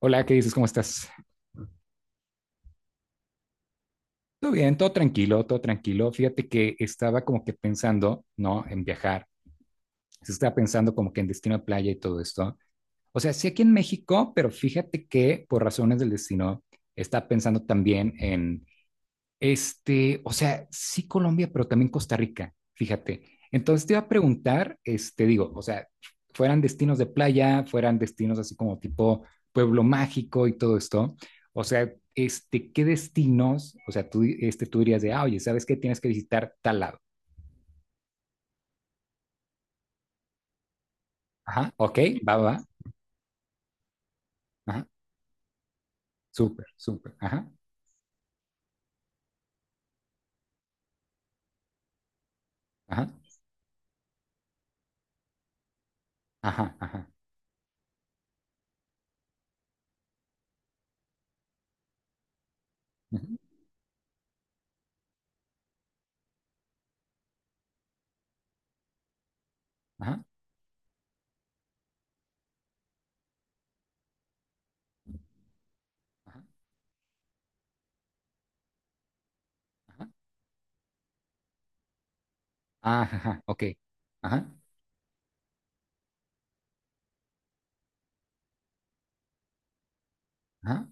Hola, ¿qué dices? ¿Cómo estás? Todo bien, todo tranquilo, todo tranquilo. Fíjate que estaba como que pensando, ¿no? En viajar. Se Estaba pensando como que en destino de playa y todo esto. O sea, sí aquí en México, pero fíjate que por razones del destino, estaba pensando también en o sea, sí Colombia, pero también Costa Rica, fíjate. Entonces te iba a preguntar, digo, o sea, fueran destinos de playa, fueran destinos así como tipo pueblo mágico y todo esto, o sea, ¿qué destinos, o sea, tú dirías de, ah, oye, ¿sabes qué? Tienes que visitar tal lado. Ajá, ok, va, va, va, ajá, súper, súper, ajá, ajá, ajá, ajá, ujú, ajá, ajá, ajá, ah, ajá, ok, ajá, ajá,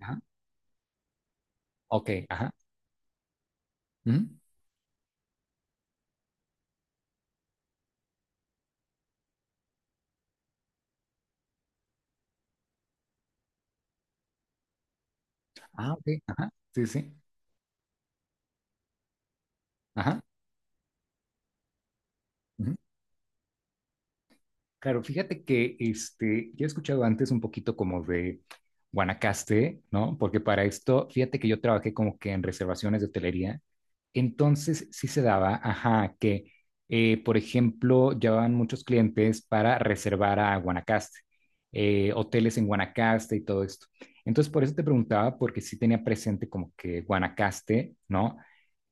ajá, ok, ajá, ujú, ah, ok, ajá, sí, sí, ajá. Ujú. Claro, fíjate que yo he escuchado antes un poquito como de Guanacaste, ¿no? Porque para esto, fíjate que yo trabajé como que en reservaciones de hotelería, entonces sí se daba, ajá, que, por ejemplo, llevaban muchos clientes para reservar a Guanacaste, hoteles en Guanacaste y todo esto. Entonces, por eso te preguntaba, porque sí tenía presente como que Guanacaste, ¿no?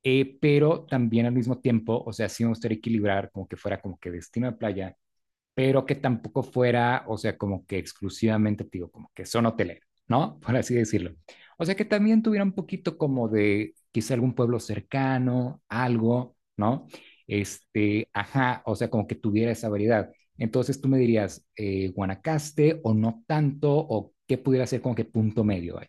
Pero también al mismo tiempo, o sea, sí me gustaría equilibrar como que fuera como que destino de playa, pero que tampoco fuera, o sea, como que exclusivamente, te digo, como que son hoteleros, ¿no? Por así decirlo. O sea, que también tuviera un poquito como de quizá algún pueblo cercano, algo, ¿no? Ajá, o sea, como que tuviera esa variedad. Entonces tú me dirías, Guanacaste o no tanto, o qué pudiera ser como que punto medio ahí.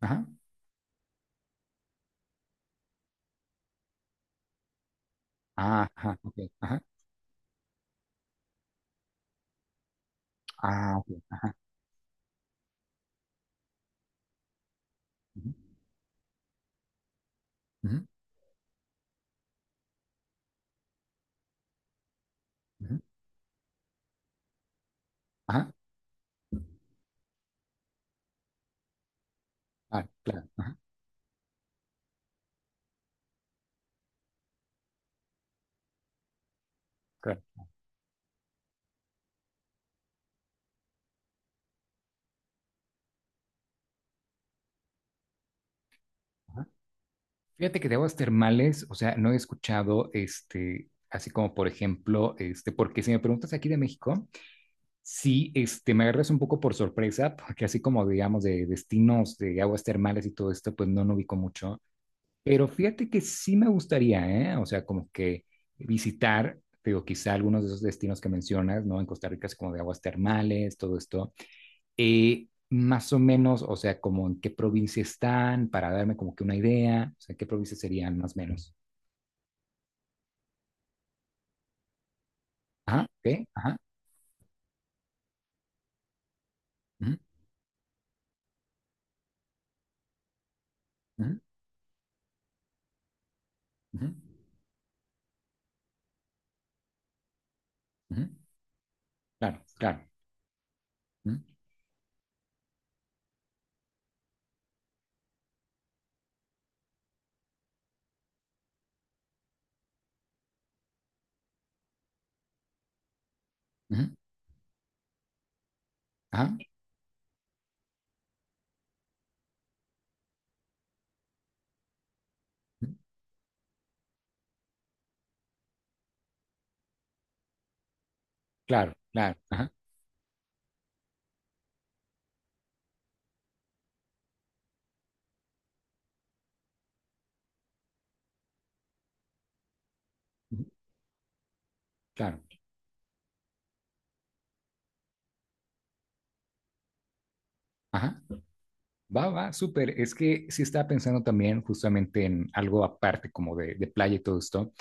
Ajá, ah, ajá, ok, ajá, ah, ok. Ujú, ujú, ujú. Ajá, ah, claro, ajá, claro, ajá. Fíjate que de aguas termales, o sea, no he escuchado, así como por ejemplo, porque si me preguntas aquí de México, sí, me agarras un poco por sorpresa, porque así como digamos de destinos de aguas termales y todo esto, pues no, no ubico mucho, pero fíjate que sí me gustaría, ¿eh? O sea, como que visitar, digo, quizá algunos de esos destinos que mencionas, ¿no? En Costa Rica, es como de aguas termales, todo esto más o menos, o sea, como en qué provincia están, para darme como que una idea, o sea, qué provincias serían más o menos. Ajá, ok, ajá. Ujú, ujú, ujú, ujú, claro, claro. Ujú, ujú, ajá, ujú, claro, claro, ajá, ujú, claro, ajá. Va, va, súper. Es que sí estaba pensando también justamente en algo aparte como de playa y todo esto.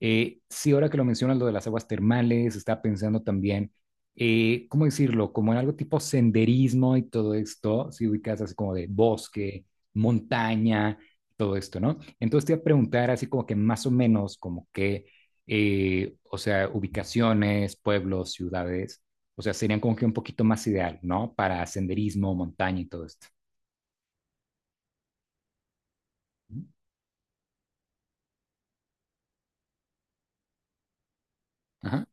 Sí, ahora que lo mencionas, lo de las aguas termales, estaba pensando también, ¿cómo decirlo? Como en algo tipo senderismo y todo esto, si ubicas así como de bosque, montaña, todo esto, ¿no? Entonces te iba a preguntar así como que más o menos, como que, o sea, ubicaciones, pueblos, ciudades, o sea, serían como que un poquito más ideal, ¿no? Para senderismo, montaña y todo esto. Ujú. Ajá,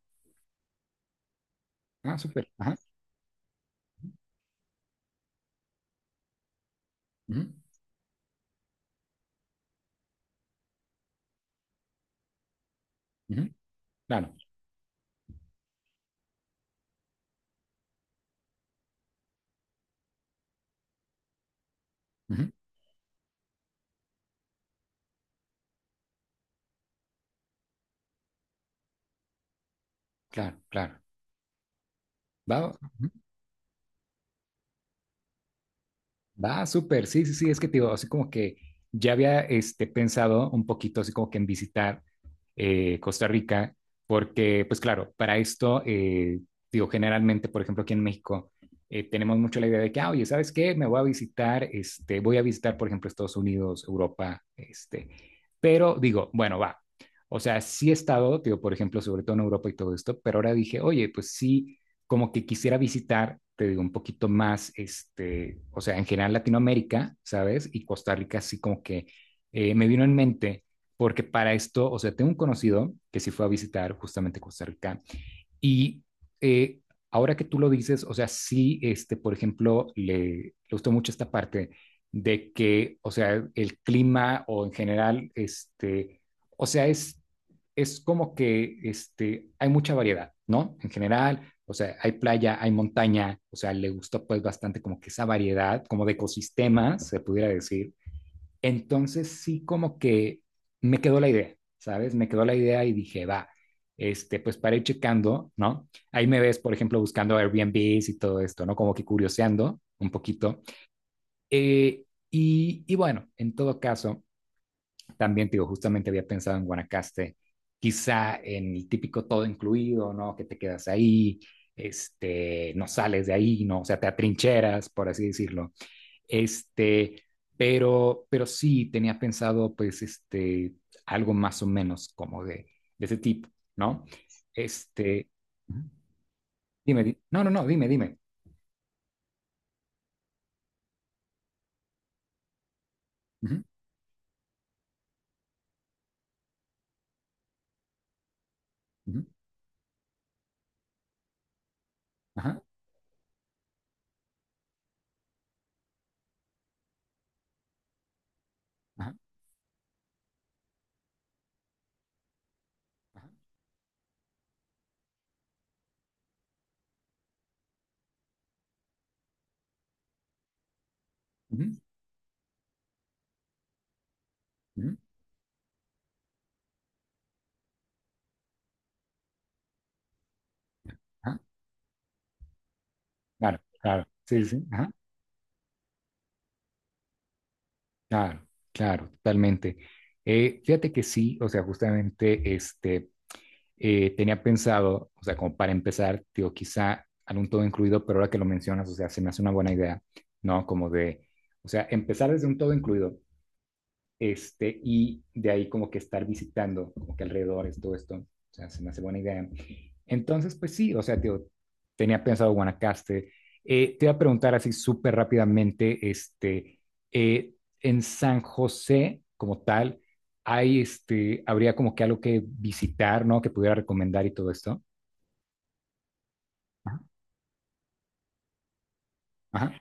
ah, súper, ajá, ujú, ujú, claro, ujú, claro, claro. ¿Va? Va, súper, sí, sí, sí, es que te digo, así como que ya había pensado un poquito así como que en visitar Costa Rica, porque pues claro, para esto, digo, generalmente, por ejemplo, aquí en México, tenemos mucho la idea de que, ah, oye, ¿sabes qué? Me voy a visitar, este, Voy a visitar, por ejemplo, Estados Unidos, Europa, pero digo, bueno, va, o sea, sí he estado, digo, por ejemplo, sobre todo en Europa y todo esto, pero ahora dije, oye, pues sí como que quisiera visitar, te digo, un poquito más, o sea, en general Latinoamérica, ¿sabes? Y Costa Rica, así como que me vino en mente, porque para esto, o sea, tengo un conocido que sí fue a visitar justamente Costa Rica y eh, ahora que tú lo dices, o sea, sí, por ejemplo, le gustó mucho esta parte de que, o sea, el clima o en general, o sea, es como que hay mucha variedad, ¿no? En general, o sea, hay playa, hay montaña, o sea, le gustó pues bastante como que esa variedad, como de ecosistemas, se pudiera decir, entonces sí como que me quedó la idea, ¿sabes? Me quedó la idea y dije, va, pues para ir checando, ¿no? Ahí me ves, por ejemplo, buscando Airbnbs y todo esto, ¿no? Como que curioseando un poquito. Eh, y bueno, en todo caso, también te digo, justamente había pensado en Guanacaste, quizá en el típico todo incluido, ¿no? Que te quedas ahí, no sales de ahí, ¿no? O sea, te atrincheras, por así decirlo este, pero sí tenía pensado, pues, algo más o menos como de ese tipo, ¿no? Este, Ujú. Dime, no, no, no, dime, dime. Ujú, ujú, ajá, ajá, ajá, ujú, ujú, ajá. Claro, claro, sí, sí, sí, ajá, claro, claro, totalmente. Fíjate que sí, o sea, justamente, tenía pensado, o sea, como para empezar, digo, quizá algún todo incluido, pero ahora que lo mencionas, o sea, se me hace una buena idea, ¿no? Como de, o sea, empezar desde un todo incluido, y de ahí como que estar visitando, como que alrededor es todo esto, o sea, se me hace buena idea. Entonces, pues sí, o sea, tío, tenía pensado Guanacaste. Te iba a preguntar así súper rápidamente, eh, en San José como tal, habría como que algo que visitar, ¿no? Que pudiera recomendar y todo esto. Ajá, ajá,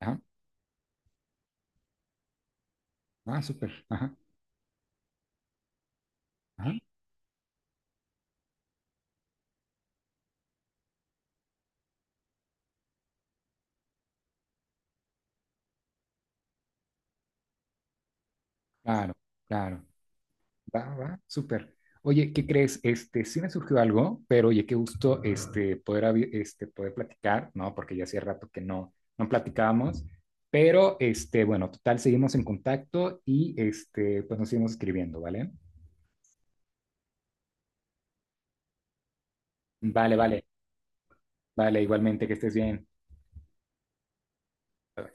ajá, ah, súper, ajá, ajá, claro, claro. Va, va, súper. Oye, ¿qué crees? Sí me surgió algo, pero oye, qué gusto poder platicar, ¿no? Porque ya hacía rato que no platicábamos, pero bueno, total, seguimos en contacto y pues nos seguimos escribiendo, ¿vale? Vale, vale, vale, igualmente, que estés bien.